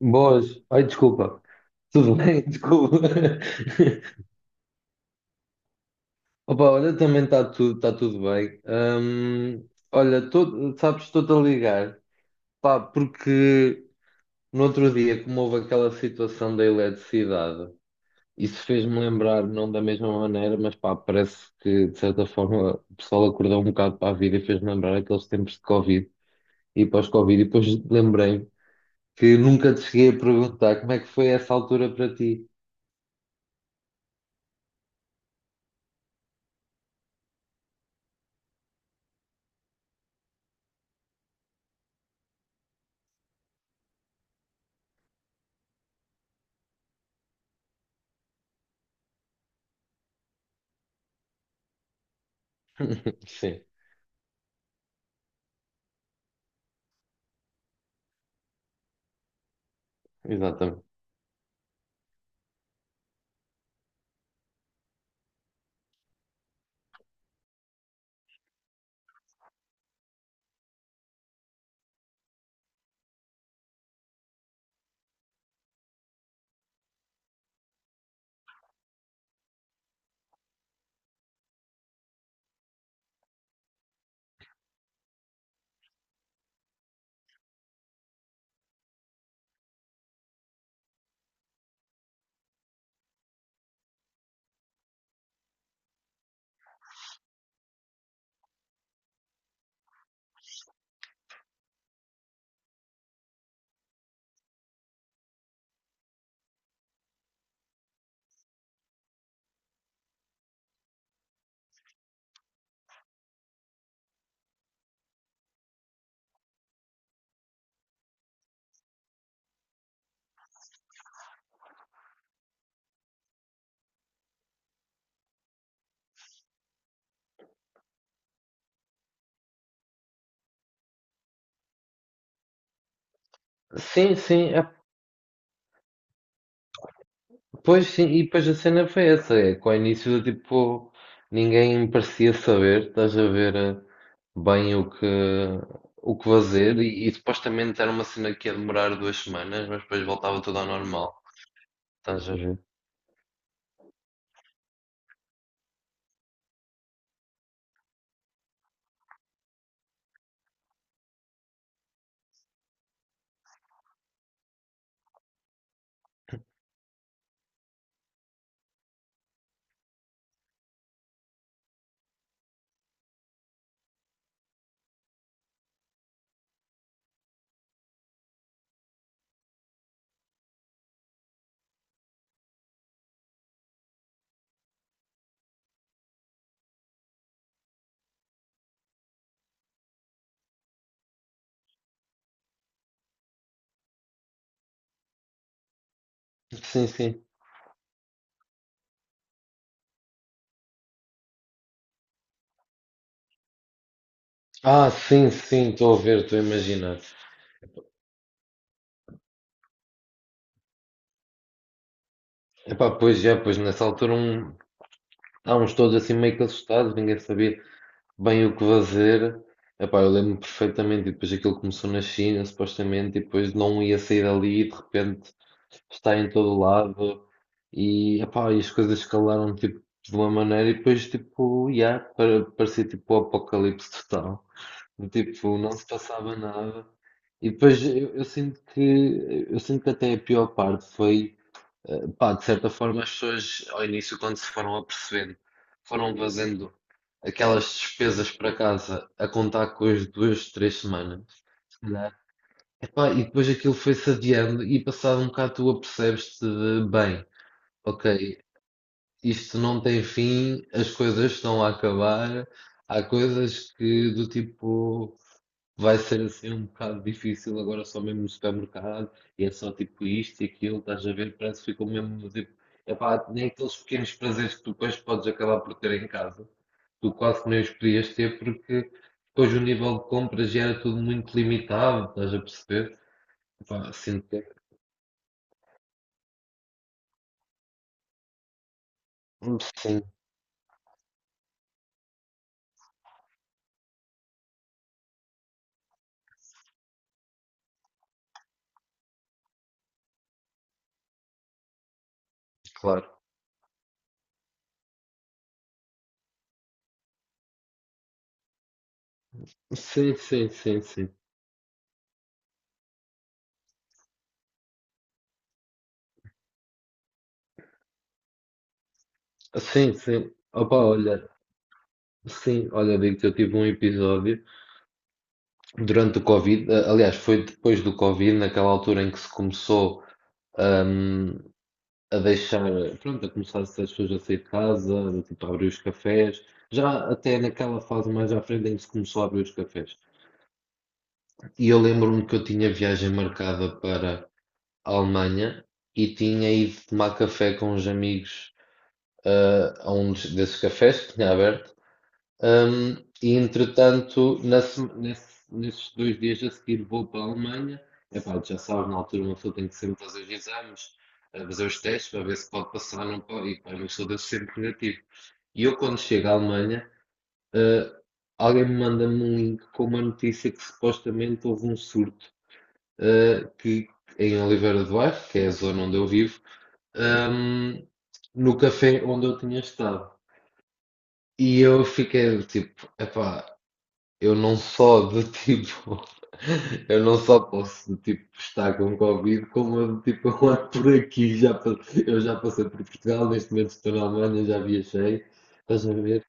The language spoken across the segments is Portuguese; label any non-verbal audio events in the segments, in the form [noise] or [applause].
Boas. Ai, desculpa. Tudo bem? [laughs] Desculpa. Opa, olha, também está tudo, tá tudo bem. Olha, sabes, estou-te a ligar. Pá, porque no outro dia, como houve aquela situação da eletricidade, isso fez-me lembrar, não da mesma maneira, mas pá, parece que de certa forma o pessoal acordou um bocado para a vida e fez-me lembrar aqueles tempos de Covid e pós-Covid. E depois lembrei que nunca te cheguei a perguntar como é que foi essa altura para ti. Sim, exatamente. Sim, sim, é, pois sim, e depois a cena foi essa, é, com o início, tipo, ninguém parecia saber, estás a ver, bem o o que fazer, e supostamente era uma cena que ia demorar duas semanas, mas depois voltava tudo ao normal, estás a ver? Sim, sim. Ah, sim, sim, estou a ver, estou a imaginar. Epá, pois já pois nessa altura um, estávamos todos assim meio que assustados, ninguém sabia bem o que fazer. Epá, eu lembro-me perfeitamente, e depois aquilo começou na China, supostamente, e depois não ia sair dali, e de repente está em todo lado, e as coisas escalaram tipo, de uma maneira, e depois tipo, yeah, para, parecia tipo o apocalipse total, tipo, não se passava nada. E depois eu sinto que eu sinto que até a pior parte foi pá, de certa forma, as pessoas, ao início, quando se foram apercebendo, foram fazendo aquelas despesas para casa a contar com as duas, três semanas. Se calhar. Epá, e depois aquilo foi-se adiando e passado um bocado tu apercebes-te de, bem, ok, isto não tem fim, as coisas estão a acabar, há coisas que do tipo. Vai ser assim um bocado difícil agora só mesmo no supermercado e é só tipo isto e aquilo, estás a ver? Parece que ficou mesmo tipo, epá, nem aqueles pequenos prazeres que tu depois podes acabar por ter em casa, tu quase nem os podias ter porque depois o nível de compras já era tudo muito limitado, estás a perceber? Epá, sinto que é- Sim, claro. Sim, sim, sim, sim. Sim, sim. Opa, olha, sim, olha, digo que eu tive um episódio durante o Covid. Aliás, foi depois do Covid, naquela altura em que se começou, hum, a deixar, pronto, a começar as pessoas a sair de casa, do tipo a abrir os cafés, já até naquela fase mais à frente em que se começou a abrir os cafés. E eu lembro-me que eu tinha viagem marcada para a Alemanha e tinha ido tomar café com uns amigos, a um desses cafés que tinha aberto. Hum, e entretanto, na nesses dois dias a seguir vou para a Alemanha. Epá, já sabes, na altura uma pessoa tem que sempre fazer os exames, fazer os testes para ver se pode passar ou não pode. E pá, eu sou desse sempre negativo. E eu quando chego à Alemanha, eh, alguém me manda-me um link com uma notícia que supostamente houve um surto eh, que, em Oliveira do Bairro, que é a zona onde eu vivo, hum, no café onde eu tinha estado. E eu fiquei tipo, epá, eu não só de tipo, [laughs] eu não só posso tipo estar com Covid, como eu, tipo eu ando por aqui, já, eu já passei por Portugal, neste momento estou na Alemanha, já viajei, estás a ver?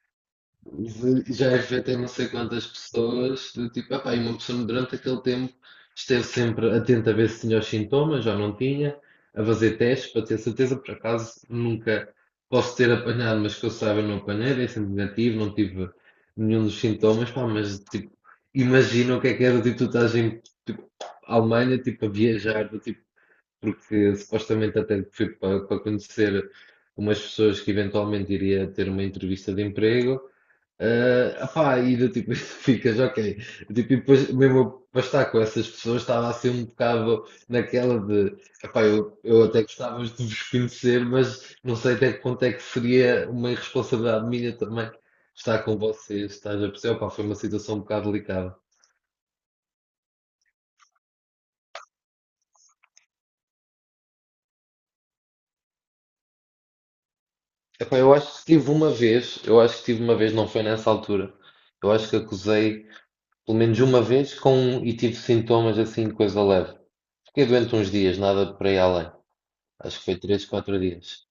Já afetei não sei quantas pessoas, do tipo, epá, e uma pessoa durante aquele tempo esteve sempre atenta a ver se tinha os sintomas, já não tinha, a fazer testes para ter certeza, por acaso nunca posso ter apanhado, mas que eu saiba não apanhei, dei sempre negativo, não tive nenhum dos sintomas, pá, mas tipo, imagina o que é que era, tipo, tu estás em tipo, Alemanha, tipo, a viajar, do tipo, porque supostamente até fui para, para conhecer umas pessoas que eventualmente iria ter uma entrevista de emprego. Opá, e do tipo, [laughs] ficas ok. Tipo, e depois, mesmo eu para estar com essas pessoas, estava assim um bocado naquela de, epá, eu até gostava de vos conhecer, mas não sei até que ponto é que seria uma irresponsabilidade minha também estar com vocês, estás a perceber? Opá, foi uma situação um bocado delicada. Epá, eu acho que tive uma vez, eu acho que tive uma vez, não foi nessa altura. Eu acho que acusei pelo menos uma vez com, e tive sintomas assim, coisa leve. Fiquei doente uns dias, nada para ir além. Acho que foi três, quatro dias.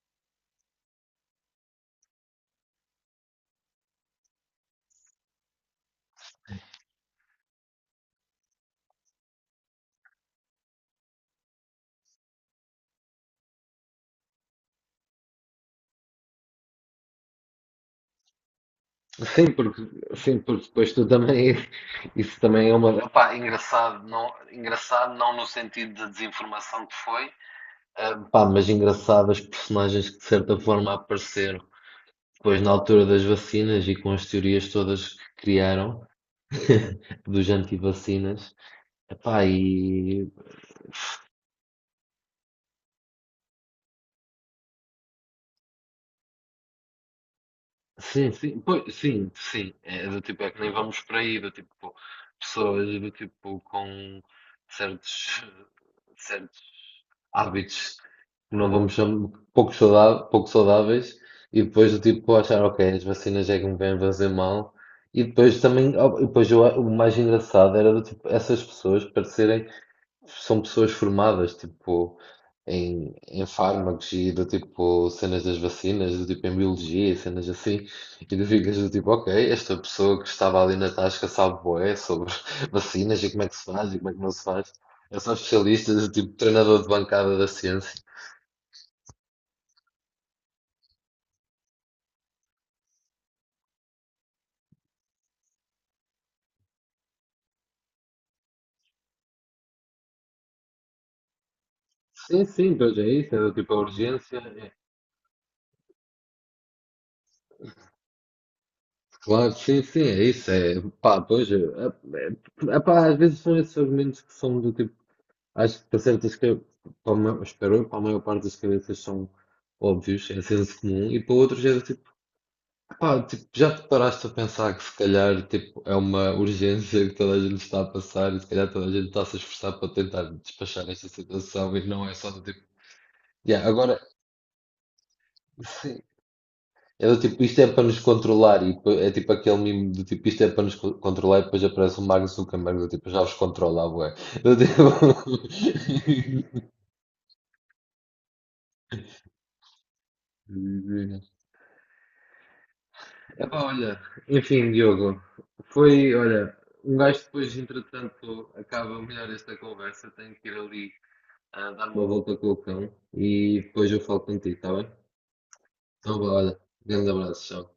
Sim, porque, sim, porque depois tu também. [laughs] Isso também é uma. Opá, engraçado, não no sentido de desinformação que foi, pá, mas engraçado as personagens que de certa forma apareceram depois na altura das vacinas e com as teorias todas que criaram, [laughs] dos antivacinas. Epá, e sim, sim, pois, sim, sim, é do tipo, é que nem vamos para aí, do tipo, pessoas do tipo com certos, certos hábitos que não vamos chamar, pouco saudáveis, pouco saudáveis, e depois do tipo achar, ok, as vacinas é que me vêm fazer mal. E depois também, oh, e depois o mais engraçado era do tipo, essas pessoas parecerem são pessoas formadas tipo em, em fármacos e do tipo cenas das vacinas, do tipo em biologia e cenas assim, e tu ficas do tipo, ok, esta pessoa que estava ali na tasca sabe bué sobre [laughs] vacinas e como é que se faz e como é que não se faz. É só especialista, do tipo treinador de bancada da ciência. Sim, sim, pois é isso, é do tipo a urgência. É- Claro, sim, sim, é isso. É, pá, pois, é, é, é, pá, às vezes são esses argumentos que são do tipo. Acho que para certas, para uma, espero eu, para a maior parte das cabeças são óbvios, é senso comum, e para outros é do tipo, pá, tipo, já te paraste a pensar que se calhar tipo, é uma urgência que toda a gente está a passar e se calhar toda a gente está a se esforçar para tentar despachar esta situação e não é só do tipo, "Ya, agora sim. É do tipo, isto é para nos controlar e depois é tipo aquele mimo do tipo, isto é para nos controlar e depois aparece o Mark Zuckerberg do tipo, já os controla, ué. Do tipo... [laughs] Epá, olha, enfim, Diogo, foi, olha, um gajo depois, entretanto, acaba melhor esta conversa, tenho que ir ali a dar uma volta com o cão e depois eu falo contigo, está bem? Então, vá, olha, grande abraço, tchau.